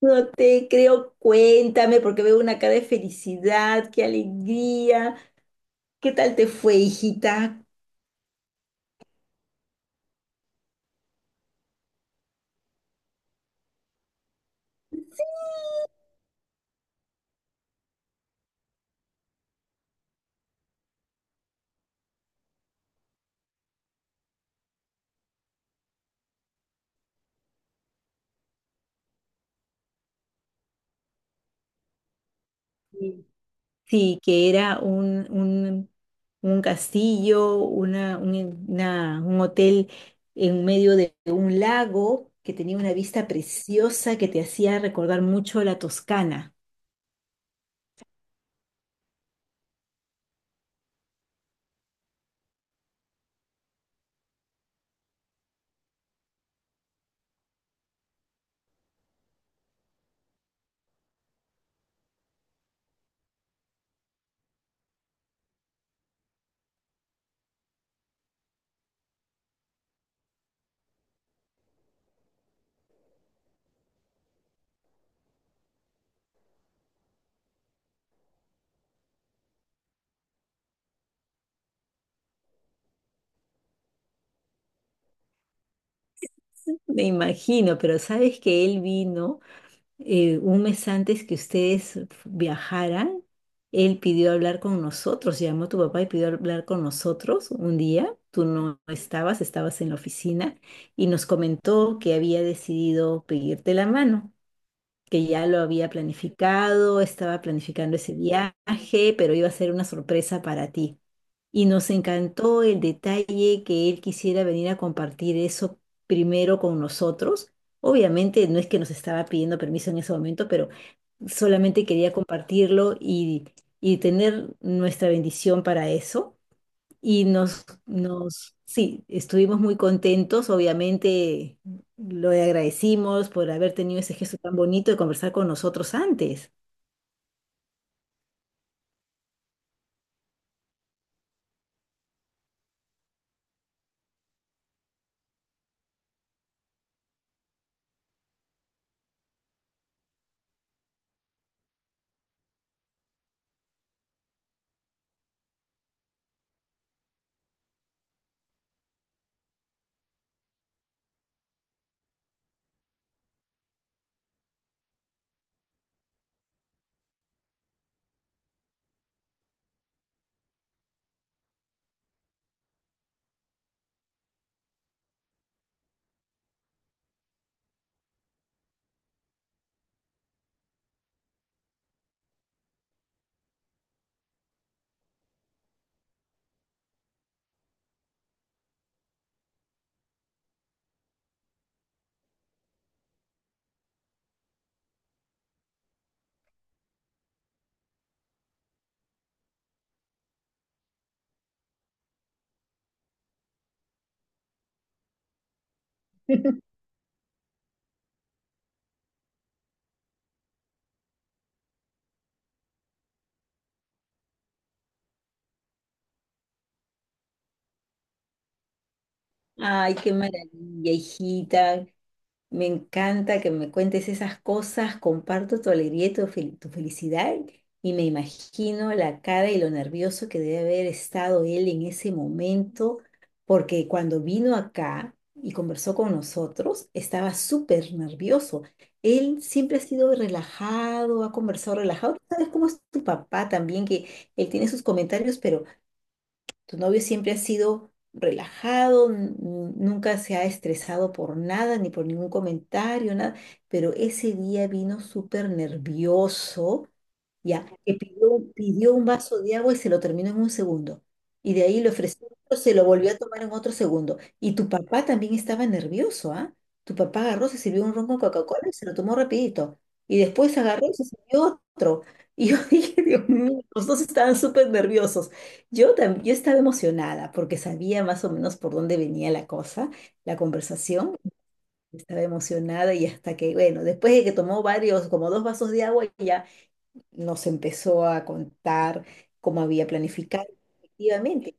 No te creo, cuéntame, porque veo una cara de felicidad, qué alegría. ¿Qué tal te fue, hijita? Sí, sí, que era un castillo, un hotel en medio de un lago que tenía una vista preciosa que te hacía recordar mucho la Toscana. Me imagino, pero sabes que él vino un mes antes que ustedes viajaran, él pidió hablar con nosotros, llamó a tu papá y pidió hablar con nosotros un día, tú no estabas, estabas en la oficina y nos comentó que había decidido pedirte la mano, que ya lo había planificado, estaba planificando ese viaje, pero iba a ser una sorpresa para ti. Y nos encantó el detalle que él quisiera venir a compartir eso primero con nosotros. Obviamente no es que nos estaba pidiendo permiso en ese momento, pero solamente quería compartirlo y tener nuestra bendición para eso. Y sí, estuvimos muy contentos, obviamente lo agradecimos por haber tenido ese gesto tan bonito de conversar con nosotros antes. Ay, qué maravilla, hijita. Me encanta que me cuentes esas cosas, comparto tu alegría y tu felicidad y me imagino la cara y lo nervioso que debe haber estado él en ese momento, porque cuando vino acá y conversó con nosotros, estaba súper nervioso. Él siempre ha sido relajado, ha conversado relajado. Tú sabes cómo es tu papá también, que él tiene sus comentarios, pero tu novio siempre ha sido relajado, nunca se ha estresado por nada, ni por ningún comentario, nada, pero ese día vino súper nervioso, ya, que pidió un vaso de agua y se lo terminó en un segundo. Y de ahí le ofreció otro, se lo volvió a tomar en otro segundo. Y tu papá también estaba nervioso, ¿ah? Tu papá agarró, se sirvió un ron con Coca-Cola y se lo tomó rapidito. Y después agarró y se sirvió otro. Y yo dije, Dios mío, los dos estaban súper nerviosos. Yo estaba emocionada porque sabía más o menos por dónde venía la cosa, la conversación. Estaba emocionada y hasta que, bueno, después de que tomó varios, como dos vasos de agua, ya nos empezó a contar cómo había planificado efectivamente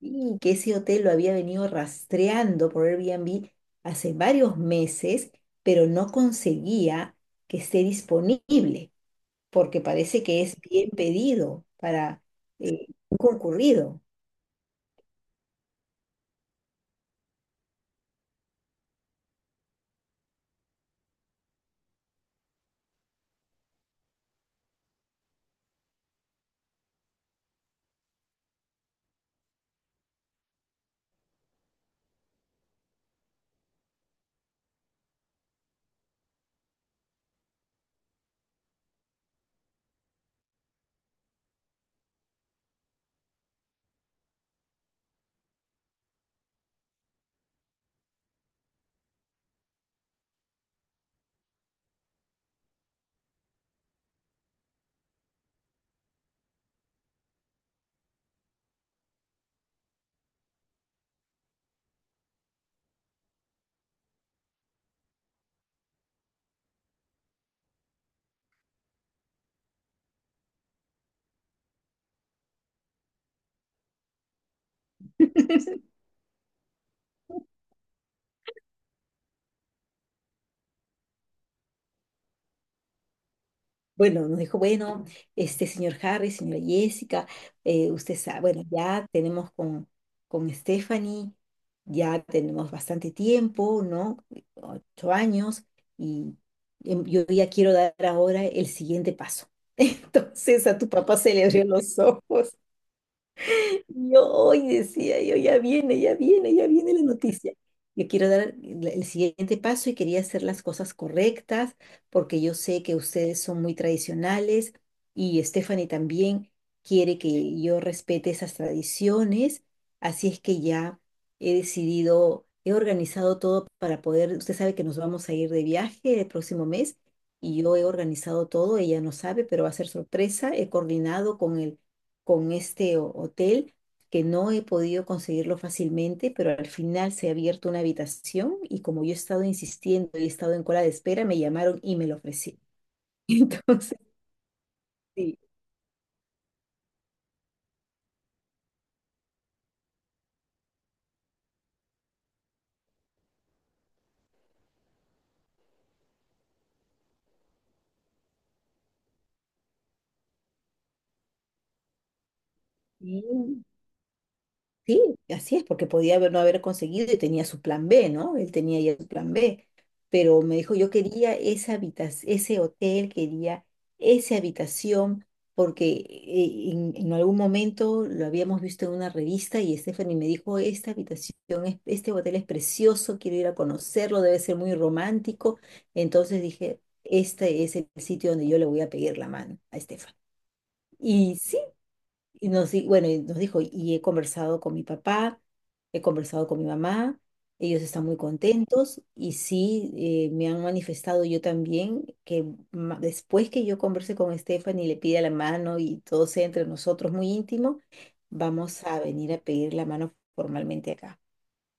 y que ese hotel lo había venido rastreando por Airbnb hace varios meses, pero no conseguía que esté disponible porque parece que es bien pedido para eh, concurrido. Bueno, este señor Harry, señora Jessica, usted sabe, bueno, ya tenemos con Stephanie, ya tenemos bastante tiempo, ¿no? 8 años, y yo ya quiero dar ahora el siguiente paso. Entonces a tu papá se le abrió los ojos y yo hoy decía, yo ya viene, ya viene, ya viene la noticia. Yo quiero dar el siguiente paso y quería hacer las cosas correctas porque yo sé que ustedes son muy tradicionales y Stephanie también quiere que yo respete esas tradiciones. Así es que ya he decidido, he organizado todo para poder, usted sabe que nos vamos a ir de viaje el próximo mes y yo he organizado todo, ella no sabe, pero va a ser sorpresa. He coordinado con este hotel que no he podido conseguirlo fácilmente, pero al final se ha abierto una habitación y como yo he estado insistiendo y he estado en cola de espera, me llamaron y me lo ofrecieron. Entonces, sí, sí, sí, así es, porque no haber conseguido y tenía su plan B, ¿no? Él tenía ya su plan B, pero me dijo, yo quería esa habitación, ese hotel, quería esa habitación, porque en algún momento lo habíamos visto en una revista y Stephanie me dijo, esta habitación, este hotel es precioso, quiero ir a conocerlo, debe ser muy romántico. Entonces dije, este es el sitio donde yo le voy a pedir la mano a Stephanie. Y bueno, y nos dijo, y he conversado con mi papá, he conversado con mi mamá, ellos están muy contentos y sí, me han manifestado yo también que después que yo converse con Stephanie y le pida la mano y todo sea entre nosotros muy íntimo, vamos a venir a pedir la mano formalmente acá.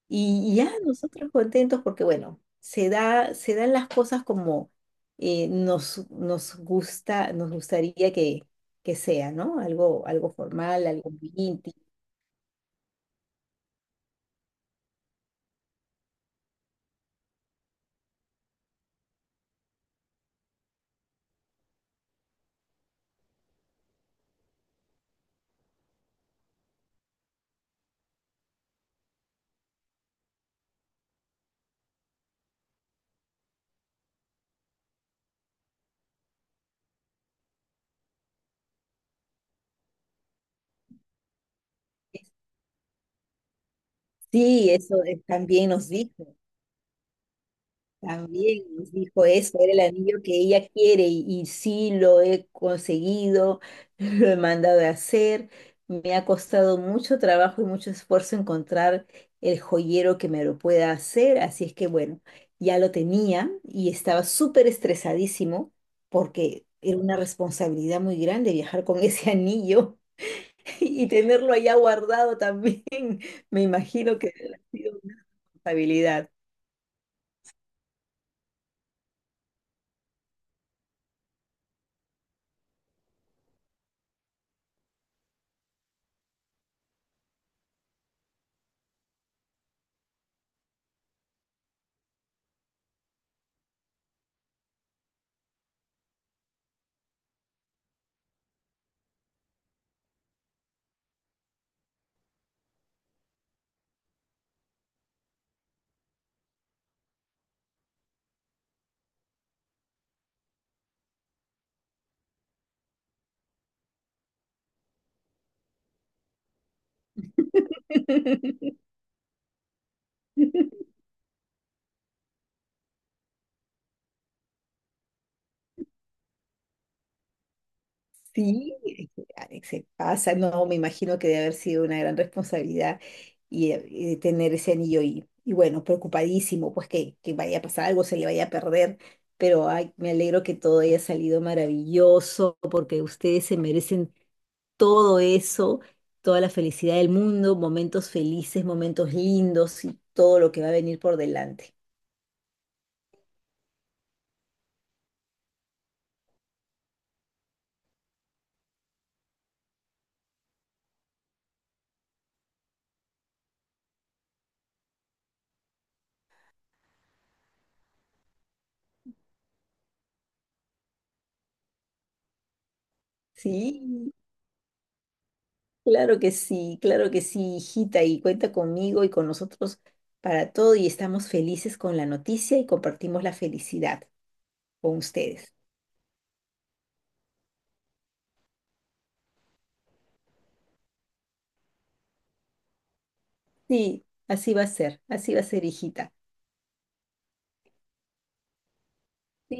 Y ya nosotros contentos porque, bueno, se dan las cosas como nos gusta, nos gustaría que sea, ¿no? Algo, algo formal, algo muy íntimo. Sí, también nos dijo. También nos dijo eso, era el anillo que ella quiere y sí lo he conseguido, lo he mandado a hacer. Me ha costado mucho trabajo y mucho esfuerzo encontrar el joyero que me lo pueda hacer, así es que bueno, ya lo tenía y estaba súper estresadísimo porque era una responsabilidad muy grande viajar con ese anillo y tenerlo allá guardado también. Me imagino que ha sido una responsabilidad. Sí, es que, ah, se pasa, no, me imagino que debe haber sido una gran responsabilidad y tener ese anillo y bueno, preocupadísimo, pues que vaya a pasar algo, se le vaya a perder, pero ay, me alegro que todo haya salido maravilloso porque ustedes se merecen todo eso, toda la felicidad del mundo, momentos felices, momentos lindos y todo lo que va a venir por delante. Sí. Claro que sí, claro que sí, hijita, y cuenta conmigo y con nosotros para todo y estamos felices con la noticia y compartimos la felicidad con ustedes. Sí, así va a ser, así va a ser, hijita. Sí,